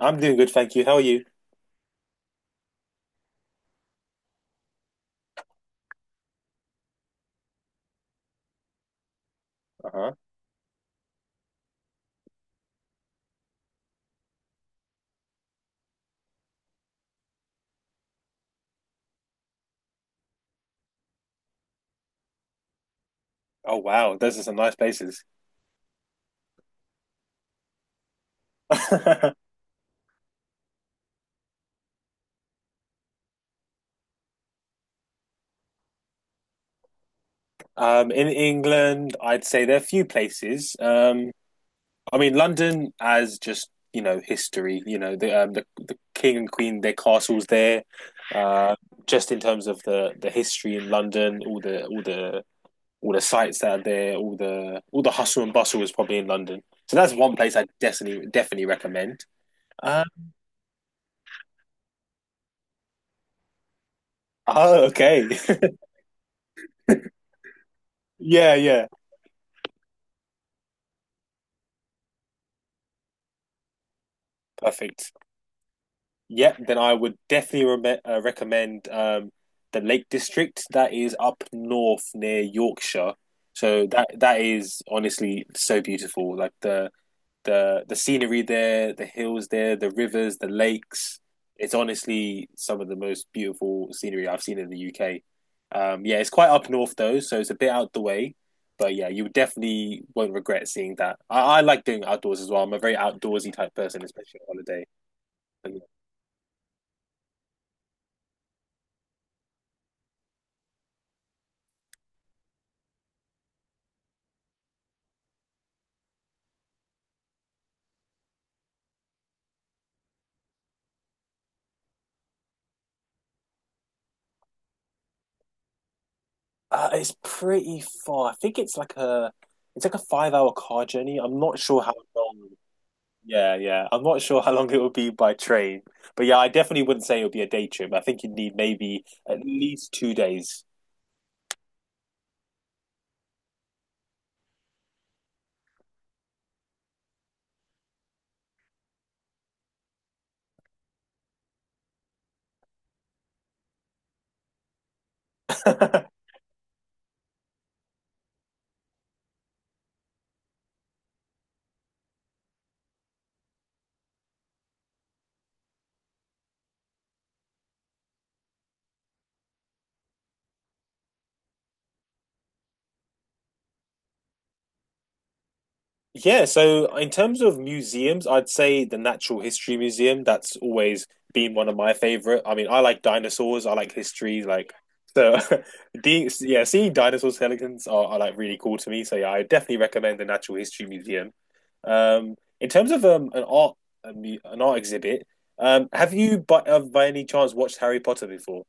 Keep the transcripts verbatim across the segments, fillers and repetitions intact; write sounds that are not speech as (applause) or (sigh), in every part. I'm doing good, thank you. How are you? Uh-huh. Oh wow, those are some nice places. (laughs) Um, in England, I'd say there are a few places. Um, I mean, London as just you know history. You know the um, the, the king and queen, their castles there. Uh, just in terms of the the history in London, all the all the all the sites that are there, all the all the hustle and bustle is probably in London. So that's one place I definitely definitely recommend. Uh, oh, okay. (laughs) Yeah, yeah. Perfect. Yep, then I would definitely re uh, recommend um, the Lake District that is up north near Yorkshire. So that that is honestly so beautiful. Like the the the scenery there, the hills there, the rivers, the lakes. It's honestly some of the most beautiful scenery I've seen in the U K. Um, yeah, it's quite up north though, so it's a bit out the way. But yeah, you definitely won't regret seeing that. I, I like doing outdoors as well. I'm a very outdoorsy type person, especially on holiday. Uh, it's pretty far. I think it's like a it's like a five hour car journey. I'm not sure how long. Yeah, yeah. I'm not sure how long it would be by train. But yeah, I definitely wouldn't say it would be a day trip. I think you'd need maybe at least two days. (laughs) Yeah, so in terms of museums, I'd say the Natural History Museum, that's always been one of my favorite. I mean, I like dinosaurs, I like history, like so (laughs) the yeah, seeing dinosaur skeletons are, are like really cool to me. So yeah, I definitely recommend the Natural History Museum. Um, in terms of um, an art an art exhibit, um, have you by, uh, by any chance watched Harry Potter before?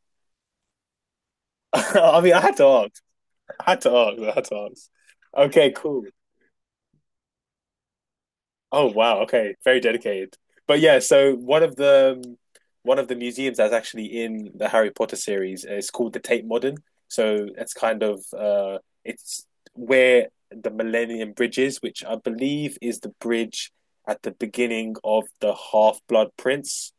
(laughs) I mean, I had to ask. I had to ask. I had to ask. Okay, cool. Oh wow. Okay, very dedicated. But yeah, so one of the um, one of the museums that's actually in the Harry Potter series is called the Tate Modern. So it's kind of uh, it's where the Millennium Bridge is, which I believe is the bridge at the beginning of the Half-Blood Prince.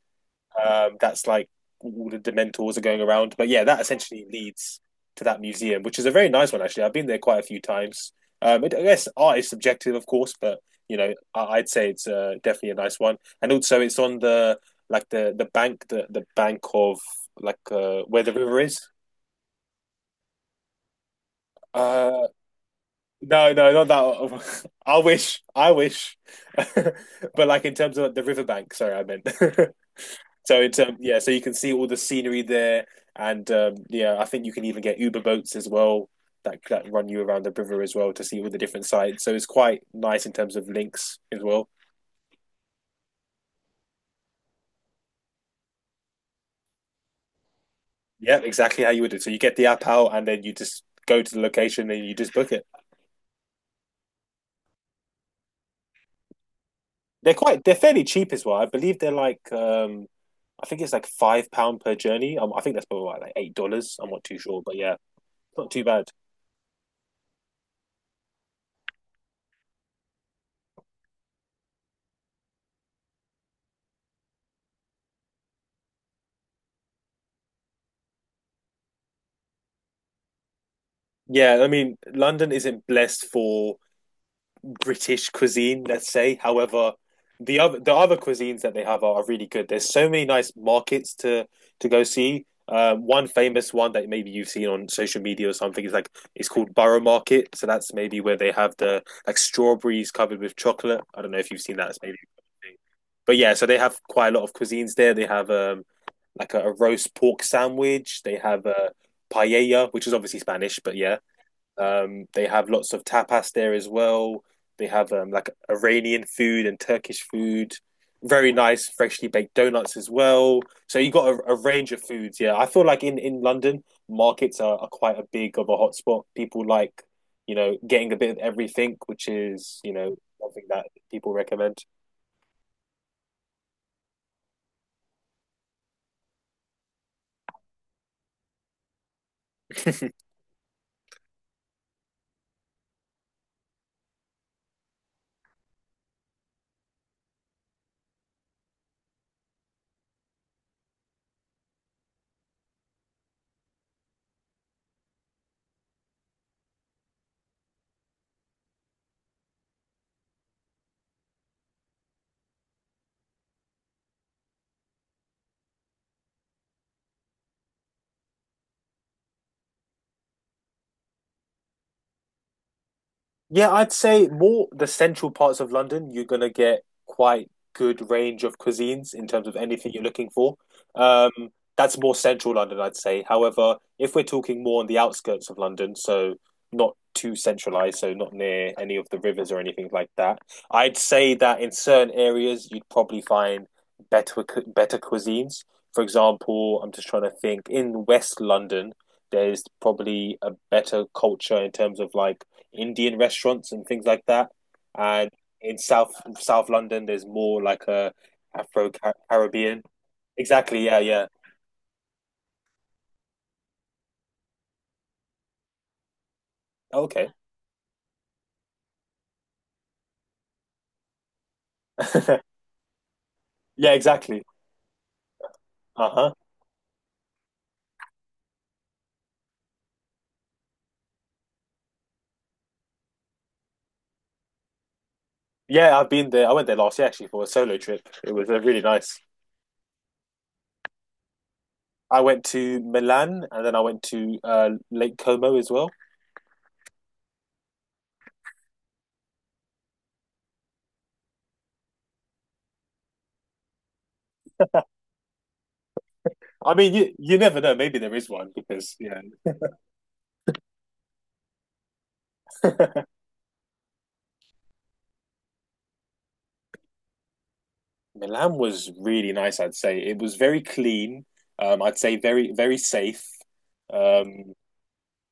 Um, that's like all the Dementors are going around. But yeah, that essentially leads to that museum, which is a very nice one actually. I've been there quite a few times. Um, I guess art is subjective, of course, but you know, I- would say it's uh, definitely a nice one. And also, it's on the like the the bank, the the bank of like uh, where the river is. Uh, no, no, not that one. (laughs) I wish, I wish, (laughs) but like in terms of the riverbank. Sorry, I meant. (laughs) So it's um yeah, so you can see all the scenery there, and um yeah, I think you can even get Uber boats as well that that run you around the river as well to see all the different sites. So it's quite nice in terms of links as well. Yeah, exactly how you would do. So you get the app out, and then you just go to the location, and you just book it. They're quite they're fairly cheap as well. I believe they're like um I think it's like five pound per journey. Um, I think that's probably like eight dollars. I'm not too sure, but yeah, not too bad. Yeah, I mean London isn't blessed for British cuisine, let's say. However, the other the other cuisines that they have are, are really good. There's so many nice markets to to go see. Um, one famous one that maybe you've seen on social media or something is like it's called Borough Market. So that's maybe where they have the like strawberries covered with chocolate. I don't know if you've seen that. It's maybe, but yeah. So they have quite a lot of cuisines there. They have um like a, a roast pork sandwich. They have a paella, which is obviously Spanish, but yeah. Um, they have lots of tapas there as well. They have um, like Iranian food and Turkish food. Very nice, freshly baked donuts as well. So you got a, a range of foods. Yeah, I feel like in in London, markets are, are quite a big of a hotspot. People like, you know, getting a bit of everything, which is, you know, something that people recommend. (laughs) Yeah, I'd say more the central parts of London, you're gonna get quite good range of cuisines in terms of anything you're looking for. Um, that's more central London, I'd say. However, if we're talking more on the outskirts of London, so not too centralized, so not near any of the rivers or anything like that, I'd say that in certain areas you'd probably find better cu- better cuisines. For example, I'm just trying to think in West London, there's probably a better culture in terms of like Indian restaurants and things like that. And in South South London, there's more like a Afro Caribbean. Exactly. Yeah. Yeah. Oh, okay. (laughs) Yeah. Exactly. Uh huh. Yeah. I've been there. I went there last year actually for a solo trip. It was uh, really nice. I went to Milan and then I went to uh, Lake Como as well. I mean, you you never know. Maybe there is one because yeah, Milan was really nice. I'd say it was very clean. Um, I'd say very very safe. Um,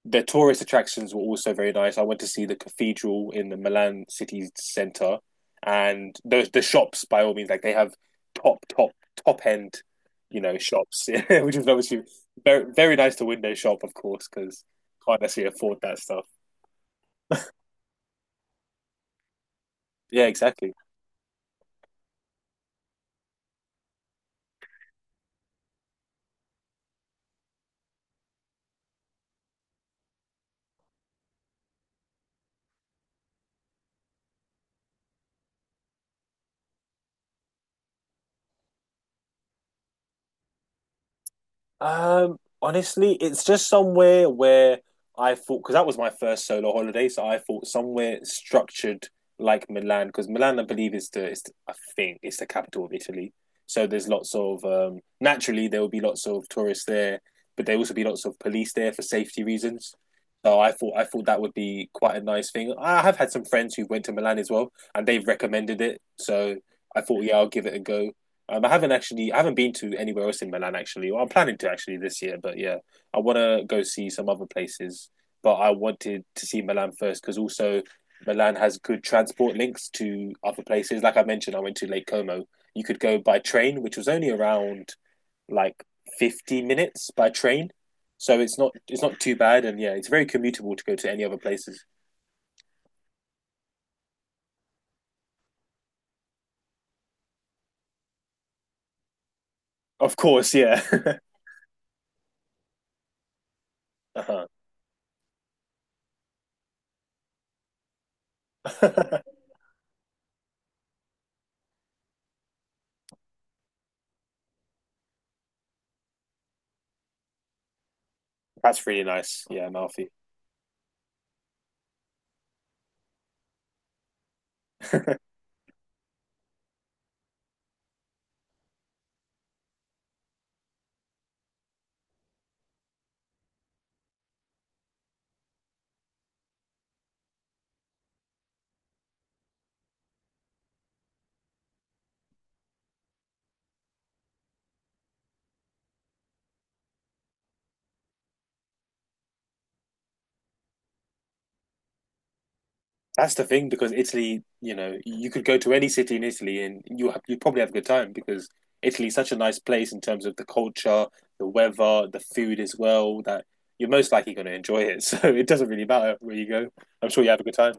the tourist attractions were also very nice. I went to see the cathedral in the Milan city centre, and those the shops by all means like they have top top top end, you know, shops, (laughs) which is obviously very very nice to window shop, of course, because can't necessarily afford that stuff. Yeah, exactly. Um, honestly, it's just somewhere where I thought because that was my first solo holiday, so I thought somewhere structured like Milan because Milan, I believe, is the, is the I think it's the capital of Italy. So there's lots of um, naturally there will be lots of tourists there, but there will also be lots of police there for safety reasons. So I thought I thought that would be quite a nice thing. I have had some friends who went to Milan as well, and they've recommended it. So I thought, yeah, I'll give it a go. Um, I haven't actually, I haven't been to anywhere else in Milan actually. Well, I'm planning to actually this year, but yeah, I want to go see some other places. But I wanted to see Milan first because also Milan has good transport links to other places. Like I mentioned, I went to Lake Como. You could go by train, which was only around like fifty minutes by train, so it's not it's not too bad. And yeah, it's very commutable to go to any other places. Of course, yeah. (laughs) uh-huh. (laughs) That's really nice. Yeah, Malfi. That's the thing because Italy, you know, you could go to any city in Italy and you have you probably have a good time because Italy's such a nice place in terms of the culture, the weather, the food as well, that you're most likely going to enjoy it. (laughs) So it doesn't really matter where you go. I'm sure you have a good time.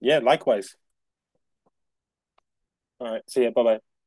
Yeah, likewise. All right. See ya. Bye bye.